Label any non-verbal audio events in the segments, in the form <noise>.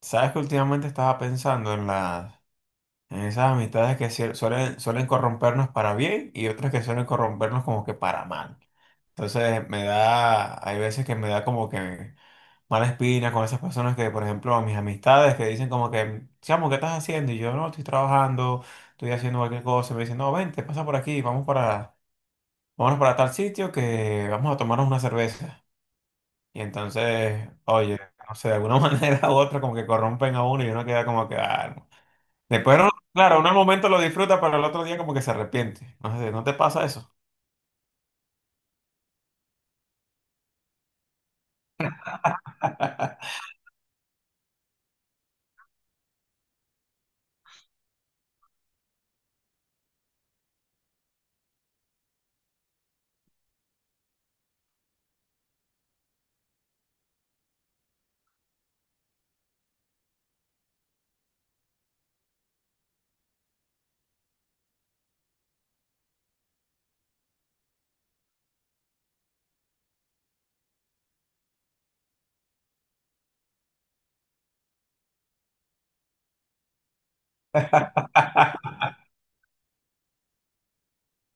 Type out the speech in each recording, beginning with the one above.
Sabes que últimamente estaba pensando en las, en esas amistades que cier- suelen corrompernos para bien y otras que suelen corrompernos como que para mal. Entonces me da, hay veces que me da como que mala espina con esas personas que, por ejemplo, a mis amistades que dicen como que, chamo, ¿qué estás haciendo? Y yo, no, estoy trabajando, estoy haciendo cualquier cosa. Y me dicen, no, vente, pasa por aquí, vamos para, vámonos para tal sitio que vamos a tomarnos una cerveza. Y entonces, oye, no sé, de alguna <laughs> manera u otra como que corrompen a uno y uno queda como que, ah, después, no- claro, uno al momento lo disfruta, pero el otro día como que se arrepiente. No sé, ¿no te pasa eso? <laughs>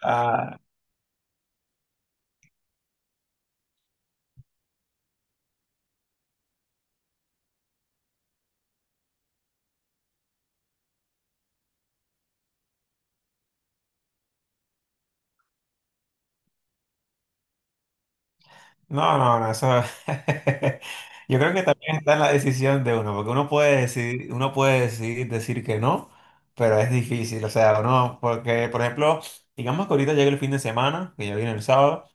Ah, no, no, no, eso. <laughs> Yo creo que también está en la decisión de uno, porque uno puede decidir decir que no, pero es difícil, o sea, no, porque, por ejemplo, digamos que ahorita llega el fin de semana, que ya viene el sábado.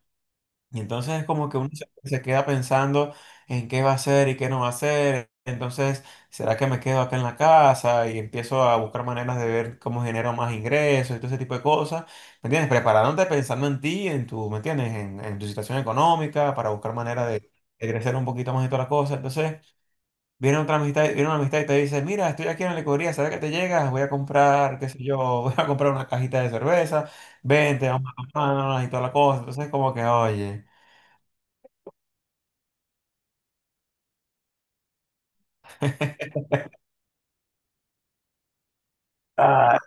Y entonces es como que uno se queda pensando en qué va a hacer y qué no va a hacer. Entonces, ¿será que me quedo acá en la casa y empiezo a buscar maneras de ver cómo genero más ingresos y todo ese tipo de cosas? ¿Me entiendes? Preparándote pensando en ti, en tu, ¿me entiendes? En tu situación económica para buscar manera de crecer un poquito más y todas las cosas. Entonces, viene otra amistad, viene una amistad y te dice, mira, estoy aquí en la licorería, ¿sabes que te llegas? Voy a comprar, qué sé yo, <laughs> voy a comprar una cajita de cerveza, vente, vamos a tomarnos y todas las cosas. Entonces, como que, oye. Ah,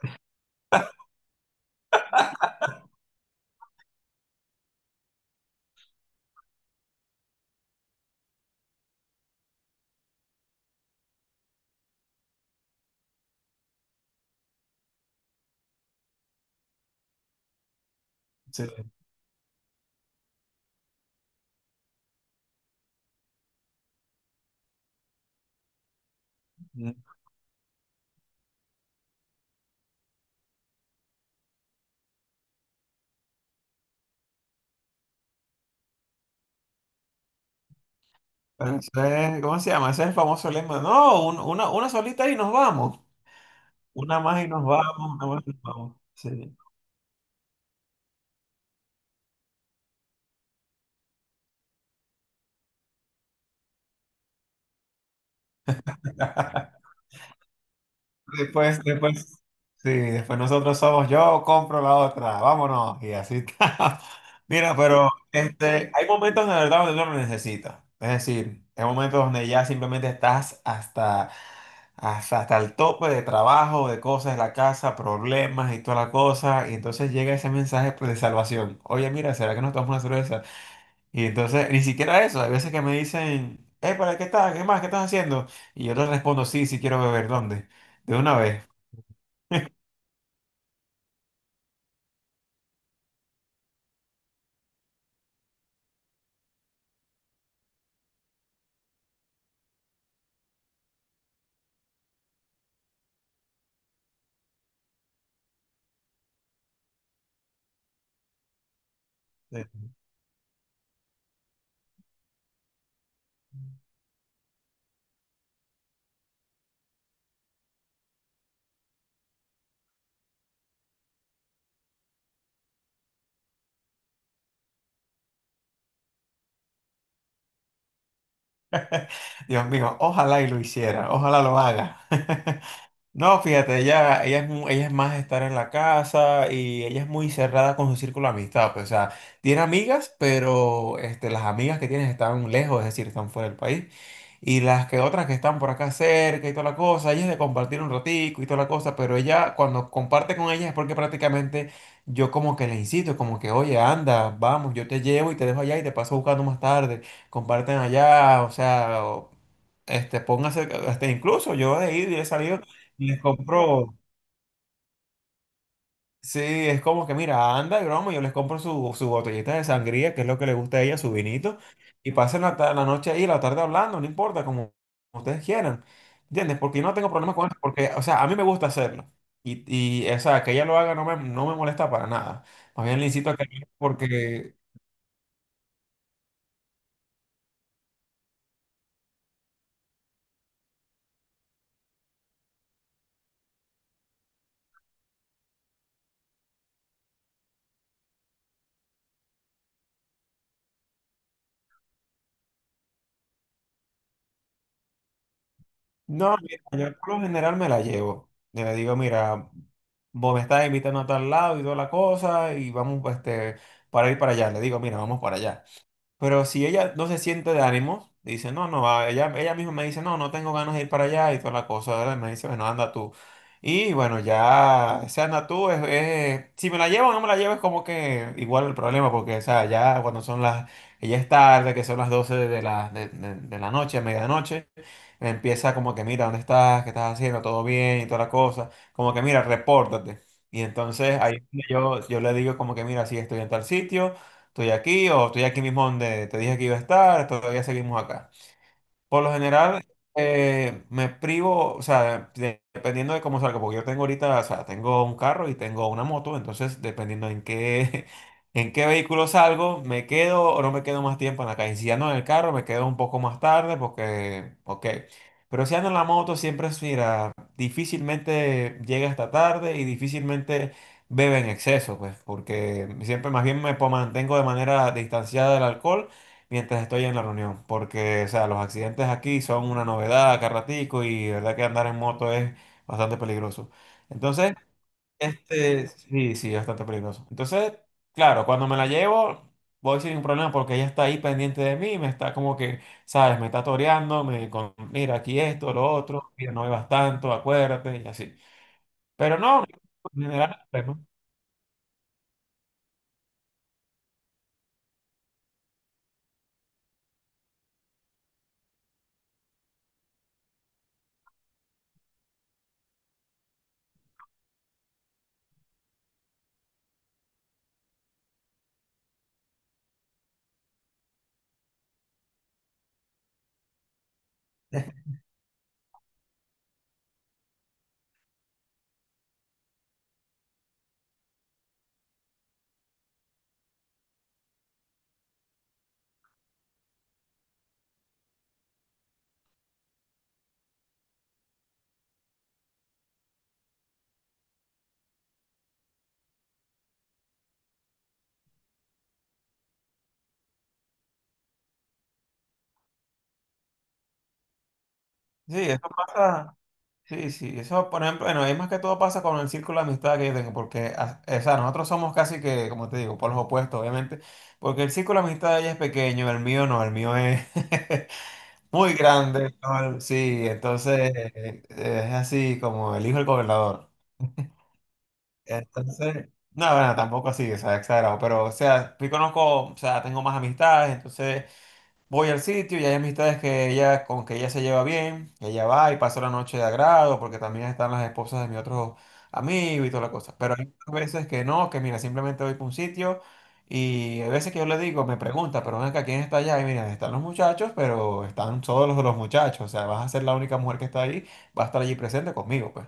sí. Ese, ¿cómo se llama? Ese es el famoso lema. No, un- una solita y nos vamos. Una más y nos vamos, una más y nos vamos. Sí. Después, después, sí, después nosotros somos yo, compro la otra, vámonos, y así está. <laughs> Mira, pero este, hay momentos de verdad donde uno lo necesita. Es decir, hay momentos donde ya simplemente estás hasta, hasta, hasta el tope de trabajo, de cosas, la casa, problemas y toda la cosa. Y entonces llega ese mensaje pues, de salvación. Oye, mira, ¿será que nos tomamos una cerveza? Y entonces, ni siquiera eso. Hay veces que me dicen, ¿para qué estás? ¿Qué más? ¿Qué estás haciendo? Y yo les respondo, sí, sí quiero beber. ¿Dónde? De una vez. Sí. Dios mío, ojalá y lo hiciera, ojalá lo haga. <laughs> No, fíjate, ella es, mu- ella es más estar en la casa y ella es muy cerrada con su círculo de amistad. Pues, o sea, tiene amigas, pero este, las amigas que tienes están lejos, es decir, están fuera del país. Y las que otras que están por acá cerca y toda la cosa, ella es de compartir un ratico y toda la cosa, pero ella cuando comparte con ellas es porque prácticamente yo como que le incito, como que, oye, anda, vamos, yo te llevo y te dejo allá y te paso buscando más tarde, comparten allá, o sea... o- este, póngase, este, incluso yo he ido y he salido les compro, sí, es como que mira, anda, broma, yo les compro su, su botellita de sangría, que es lo que le gusta a ella, su vinito, y pasen la, ta- la noche ahí, la tarde hablando, no importa, como ustedes quieran, ¿entiendes? Porque yo no tengo problema con eso, porque, o sea, a mí me gusta hacerlo, y, y o sea, que ella lo haga no me, no me molesta para nada, más bien le incito a que, porque, no, mira, yo por lo general me la llevo, yo le digo, mira, vos me estás invitando a tal lado y toda la cosa, y vamos, este, para ir para allá, le digo, mira, vamos para allá. Pero si ella no se siente de ánimos dice, no, no, va", ella misma me dice, no, no tengo ganas de ir para allá y toda la cosa, ¿verdad? Me dice, bueno, anda tú. Y bueno, ya, o sea, anda tú, es- si me la llevo o no me la llevo es como que igual el problema, porque, o sea, ya cuando son las, ella es tarde, que son las 12 de la noche, medianoche, empieza como que, mira, ¿dónde estás? ¿Qué estás haciendo? ¿Todo bien? Y toda la cosa, como que, mira, repórtate. Y entonces ahí yo le digo como que, mira, sí, estoy en tal sitio, estoy aquí o estoy aquí mismo donde te dije que iba a estar, todavía seguimos acá. Por lo general, me privo, o sea, de- dependiendo de cómo salga, porque yo tengo ahorita, o sea, tengo un carro y tengo una moto, entonces dependiendo en qué, <laughs> en qué vehículo salgo, me quedo o no me quedo más tiempo en la calle. Si ando en el carro, me quedo un poco más tarde porque, ok. Pero si ando en la moto, siempre es, mira, difícilmente llega hasta tarde y difícilmente bebe en exceso, pues, porque siempre más bien me po- mantengo de manera distanciada del alcohol mientras estoy en la reunión, porque, o sea, los accidentes aquí son una novedad acá ratico y de verdad que andar en moto es bastante peligroso. Entonces, este, sí, sí, bastante peligroso. Entonces, claro, cuando me la llevo, voy sin ningún problema porque ella está ahí pendiente de mí, me está como que, ¿sabes? Me está toreando, me con, mira, aquí esto, lo otro, mira, no bebas tanto, acuérdate, y así. Pero no, en general, pues, no hay problema. Sí, eso pasa. Sí, sí, eso por ejemplo, bueno, es más que todo pasa con el círculo de amistad que yo tengo, porque, a- o sea, nosotros somos casi que, como te digo, por los opuestos, obviamente, porque el círculo de amistad de ella es pequeño, el mío no, el mío es <laughs> muy grande, ¿no? Sí, entonces es así como el hijo del gobernador. Entonces, no, bueno, tampoco así, o sea, exagerado, pero, o sea, yo conozco, o sea, tengo más amistades, entonces... Voy al sitio y hay amistades que ella, con que ella se lleva bien, que ella va y pasa la noche de agrado, porque también están las esposas de mi otro amigo y toda la cosa. Pero hay otras veces que no, que mira, simplemente voy para un sitio y hay veces que yo le digo, me pregunta, pero ven acá, ¿quién está allá? Y mira, están los muchachos, pero están todos los de los muchachos, o sea, vas a ser la única mujer que está ahí, va a estar allí presente conmigo, pues.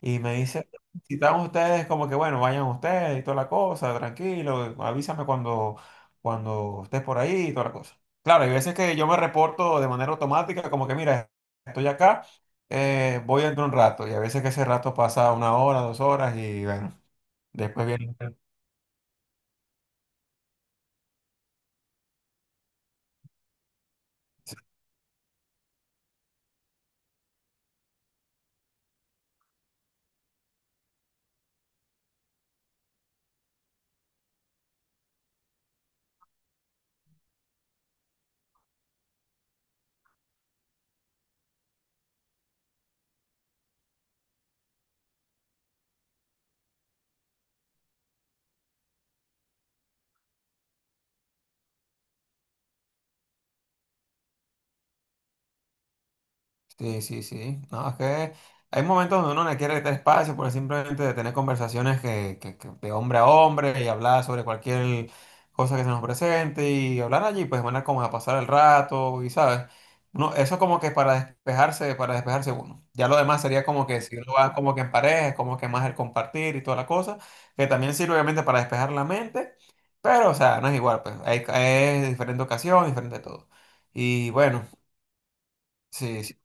Y me dice, si están ustedes, como que bueno, vayan ustedes y toda la cosa, tranquilo, avísame cuando, cuando estés por ahí y toda la cosa. Claro, hay veces que yo me reporto de manera automática, como que mira, estoy acá, voy dentro de un rato, y a veces que ese rato pasa una hora, dos horas, y bueno, después viene. Sí, sí, sí. No, es que hay momentos donde uno le quiere quitar espacio por simplemente de tener conversaciones que de hombre a hombre y hablar sobre cualquier cosa que se nos presente y hablar allí, pues van a como a pasar el rato y, ¿sabes? No, eso como que para despejarse uno. Ya lo demás sería como que si uno va como que en pareja, es como que más el compartir y toda la cosa, que también sirve obviamente para despejar la mente, pero, o sea, no es igual, pues hay, es diferente ocasión, diferente todo. Y bueno. Sí,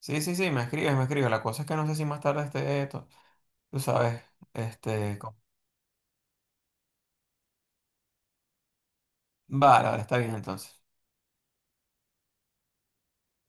sí, sí, sí, me escribes, me escribes. La cosa es que no sé si más tarde esté, to- tú sabes, este... co- Vale, vale, está bien entonces.